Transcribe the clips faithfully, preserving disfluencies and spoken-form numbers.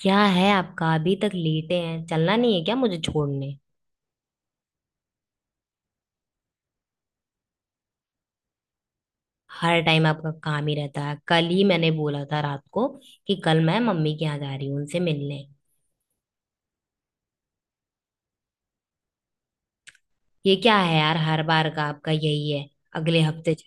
क्या है आपका? अभी तक लेटे हैं, चलना नहीं है क्या? मुझे छोड़ने। हर टाइम आपका काम ही रहता है। कल ही मैंने बोला था रात को कि कल मैं मम्मी के यहाँ जा रही हूँ उनसे मिलने। ये क्या है यार, हर बार का आपका यही है। अगले हफ्ते च-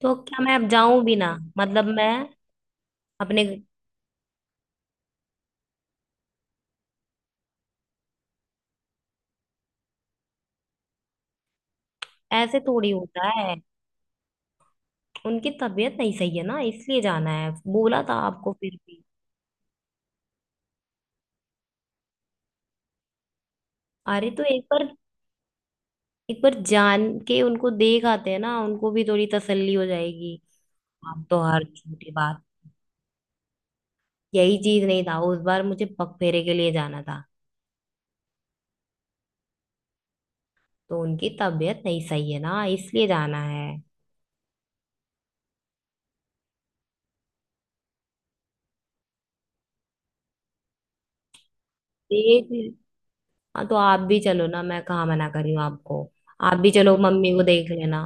तो क्या मैं अब जाऊं भी ना, मतलब मैं अपने। ऐसे थोड़ी होता है। उनकी तबीयत नहीं सही है ना, इसलिए जाना है। बोला था आपको फिर भी। अरे तो एक बार, एक बार जान के उनको देख आते हैं ना, उनको भी थोड़ी तसल्ली हो जाएगी। आप तो हर छोटी बात। यही चीज नहीं था, उस बार मुझे पगफेरे के लिए जाना था। तो उनकी तबीयत नहीं सही है ना, इसलिए जाना है। ठीक है। हाँ, तो आप भी चलो ना, मैं कहाँ मना कर रही हूँ आपको। आप भी चलो, मम्मी को देख लेना।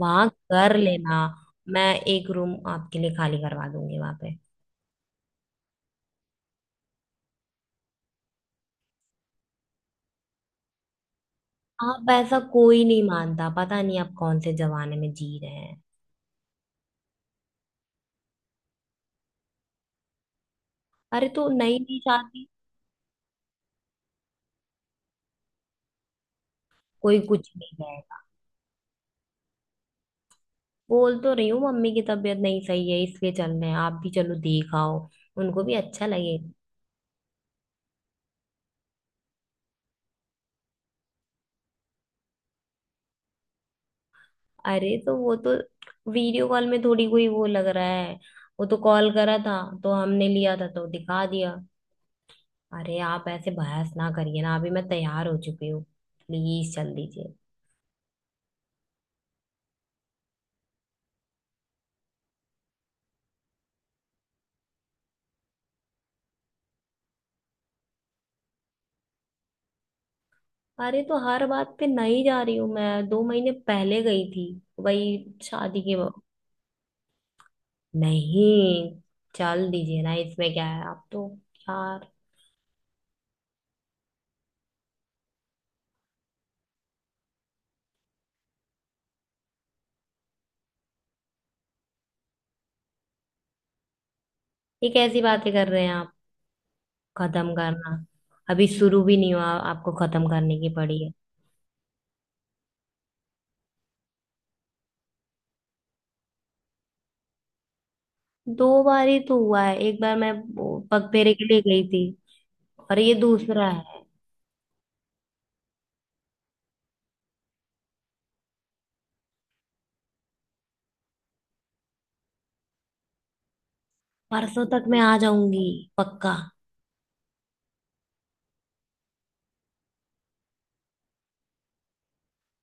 वहां कर लेना। मैं एक रूम आपके लिए खाली करवा दूंगी वहां पे। आप, ऐसा कोई नहीं मानता, पता नहीं आप कौन से जमाने में जी रहे हैं। अरे तो नई नई शादी। कोई कुछ नहीं कहेगा। बोल तो रही हूँ मम्मी की तबीयत नहीं सही है, इसलिए चल रहे हैं। आप भी चलो, देखाओ, उनको भी अच्छा लगे। अरे तो वो तो, वीडियो कॉल में थोड़ी कोई वो लग रहा है। वो तो कॉल करा था, तो हमने लिया था तो दिखा दिया। अरे आप ऐसे बहस ना करिए ना, अभी मैं तैयार हो चुकी हूँ। प्लीज चल दीजिए। अरे तो हर बात पे नहीं जा रही हूँ मैं, दो महीने पहले गई थी, वही शादी के वक्त। नहीं। चल दीजिए ना, इसमें क्या है? आप तो यार। ये कैसी बातें कर रहे हैं आप? खत्म करना? अभी शुरू भी नहीं हुआ, आपको खत्म करने की पड़ी है। दो बार ही तो हुआ है, एक बार मैं वो पगफेरे के लिए गई थी और ये दूसरा है। परसों तक मैं आ जाऊंगी। पक्का।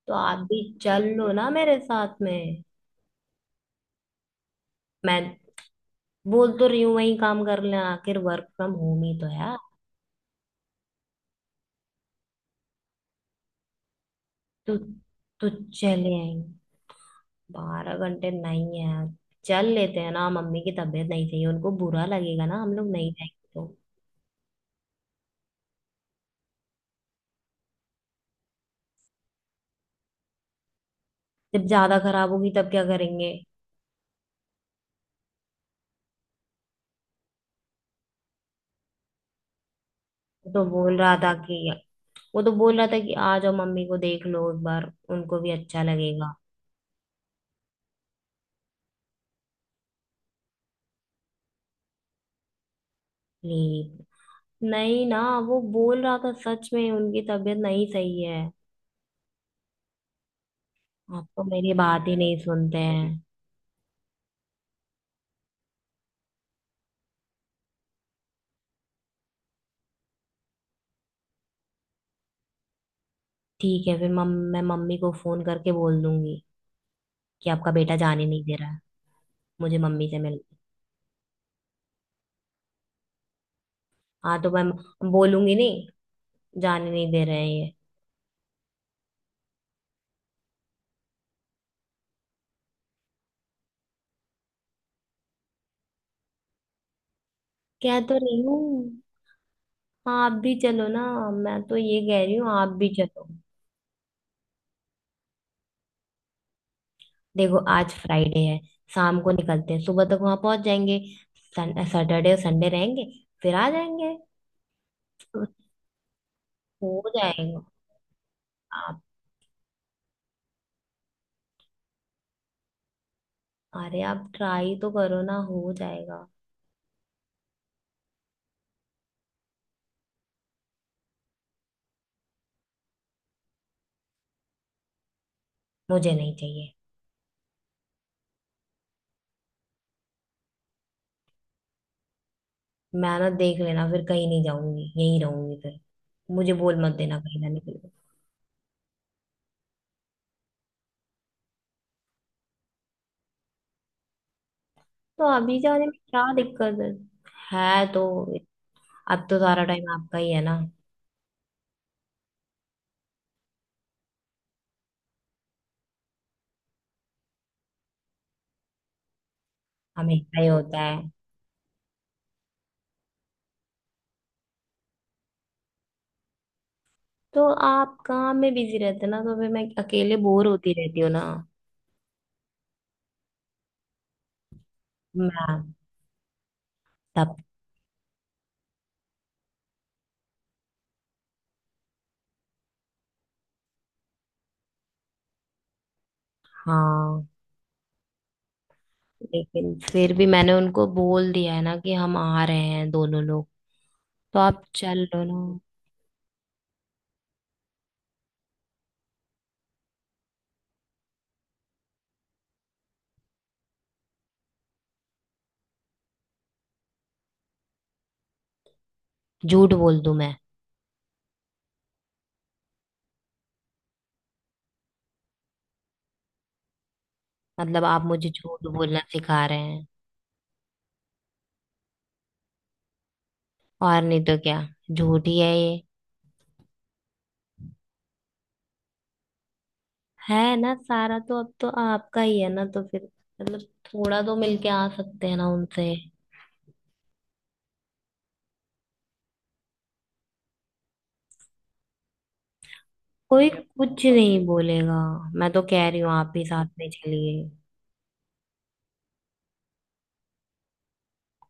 तो आप भी चल लो ना मेरे साथ में। मैं बोल तो रही हूँ, वही काम कर लेना, आखिर वर्क फ्रॉम होम ही तो है यार। तो तो चले आएंगे। बारह घंटे नहीं है यार। चल लेते हैं ना, मम्मी की तबीयत नहीं सही है, उनको बुरा लगेगा ना हम लोग नहीं जाएंगे तो। जब ज्यादा खराब होगी तब क्या करेंगे? तो बोल रहा था कि, वो तो बोल रहा था कि आ जाओ, मम्मी को देख लो एक बार, उनको भी अच्छा लगेगा। प्लीज। नहीं ना, वो बोल रहा था सच में उनकी तबीयत नहीं सही है। आप तो मेरी बात ही नहीं सुनते हैं। ठीक है फिर मम मैं मम्मी को फोन करके बोल दूंगी कि आपका बेटा जाने नहीं दे रहा है मुझे मम्मी से मिल। हाँ तो मैं बोलूंगी नहीं, जाने नहीं दे रहे हैं ये। कह तो रही हूँ। हाँ, आप भी चलो ना। मैं तो ये कह रही हूँ, आप भी चलो। देखो आज फ्राइडे है, शाम को निकलते हैं, सुबह तक वहां पहुंच जाएंगे। सन- सैटरडे और संडे रहेंगे, फिर आ जाएंगे। हो जाएगा। आप, अरे आप ट्राई तो करो ना, हो जाएगा। मुझे नहीं चाहिए। मैं ना देख लेना, फिर कहीं नहीं जाऊंगी, यहीं रहूंगी फिर। मुझे बोल मत देना कहीं जाने के लिए। तो अभी जाने में क्या दिक्कत है? है तो। अब तो सारा टाइम आपका ही है ना। हमेशा ही होता है। तो आप काम में बिजी रहते ना, तो फिर मैं अकेले बोर होती रहती हूँ ना। मैं, तब। हाँ। लेकिन फिर भी मैंने उनको बोल दिया है ना कि हम आ रहे हैं दोनों लोग, तो आप चल लो ना। झूठ बोल दूं मैं? मतलब आप मुझे झूठ बोलना सिखा रहे हैं? और नहीं तो क्या, झूठ ही है ये। है ना, सारा तो अब तो आपका ही है ना, तो फिर मतलब थोड़ा तो मिलके आ सकते हैं ना उनसे। कोई कुछ नहीं बोलेगा। मैं तो कह रही हूँ आप भी साथ में चलिए।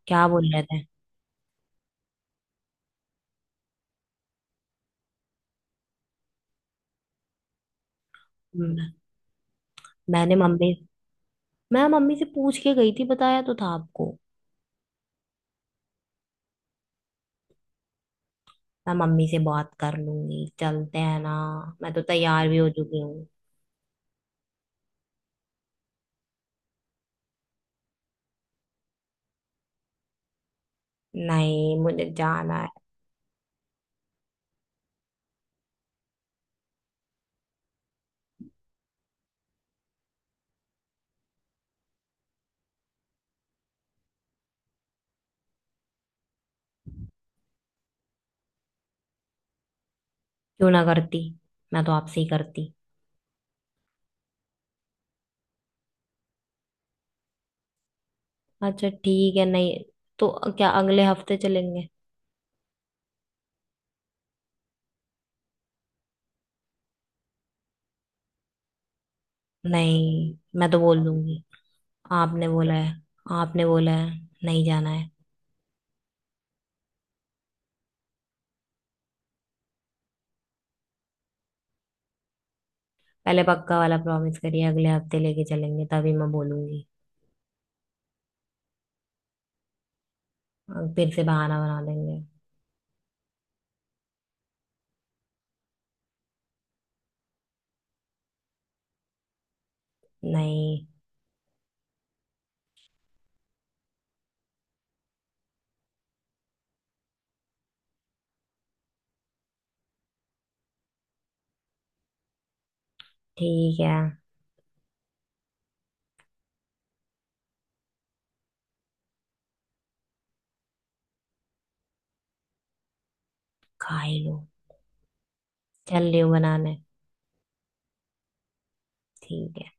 क्या बोल रहे थे? हम्म, मैंने मम्मी। मैं मम्मी से पूछ के गई थी, बताया तो था आपको। मैं मम्मी से बात कर लूंगी, चलते हैं ना, मैं तो तैयार भी हो चुकी हूँ। नहीं, मुझे जाना है। क्यों ना करती, मैं तो आपसे ही करती। अच्छा ठीक है, नहीं तो क्या अगले हफ्ते चलेंगे? नहीं, मैं तो बोल दूंगी आपने बोला है। आपने बोला है नहीं जाना है। पहले पक्का वाला प्रॉमिस करिए अगले हफ्ते लेके चलेंगे, तभी मैं बोलूंगी। अब फिर से बहाना बना देंगे। नहीं। ठीक है। खा ही लो। चल रही हो बनाने। ठीक है।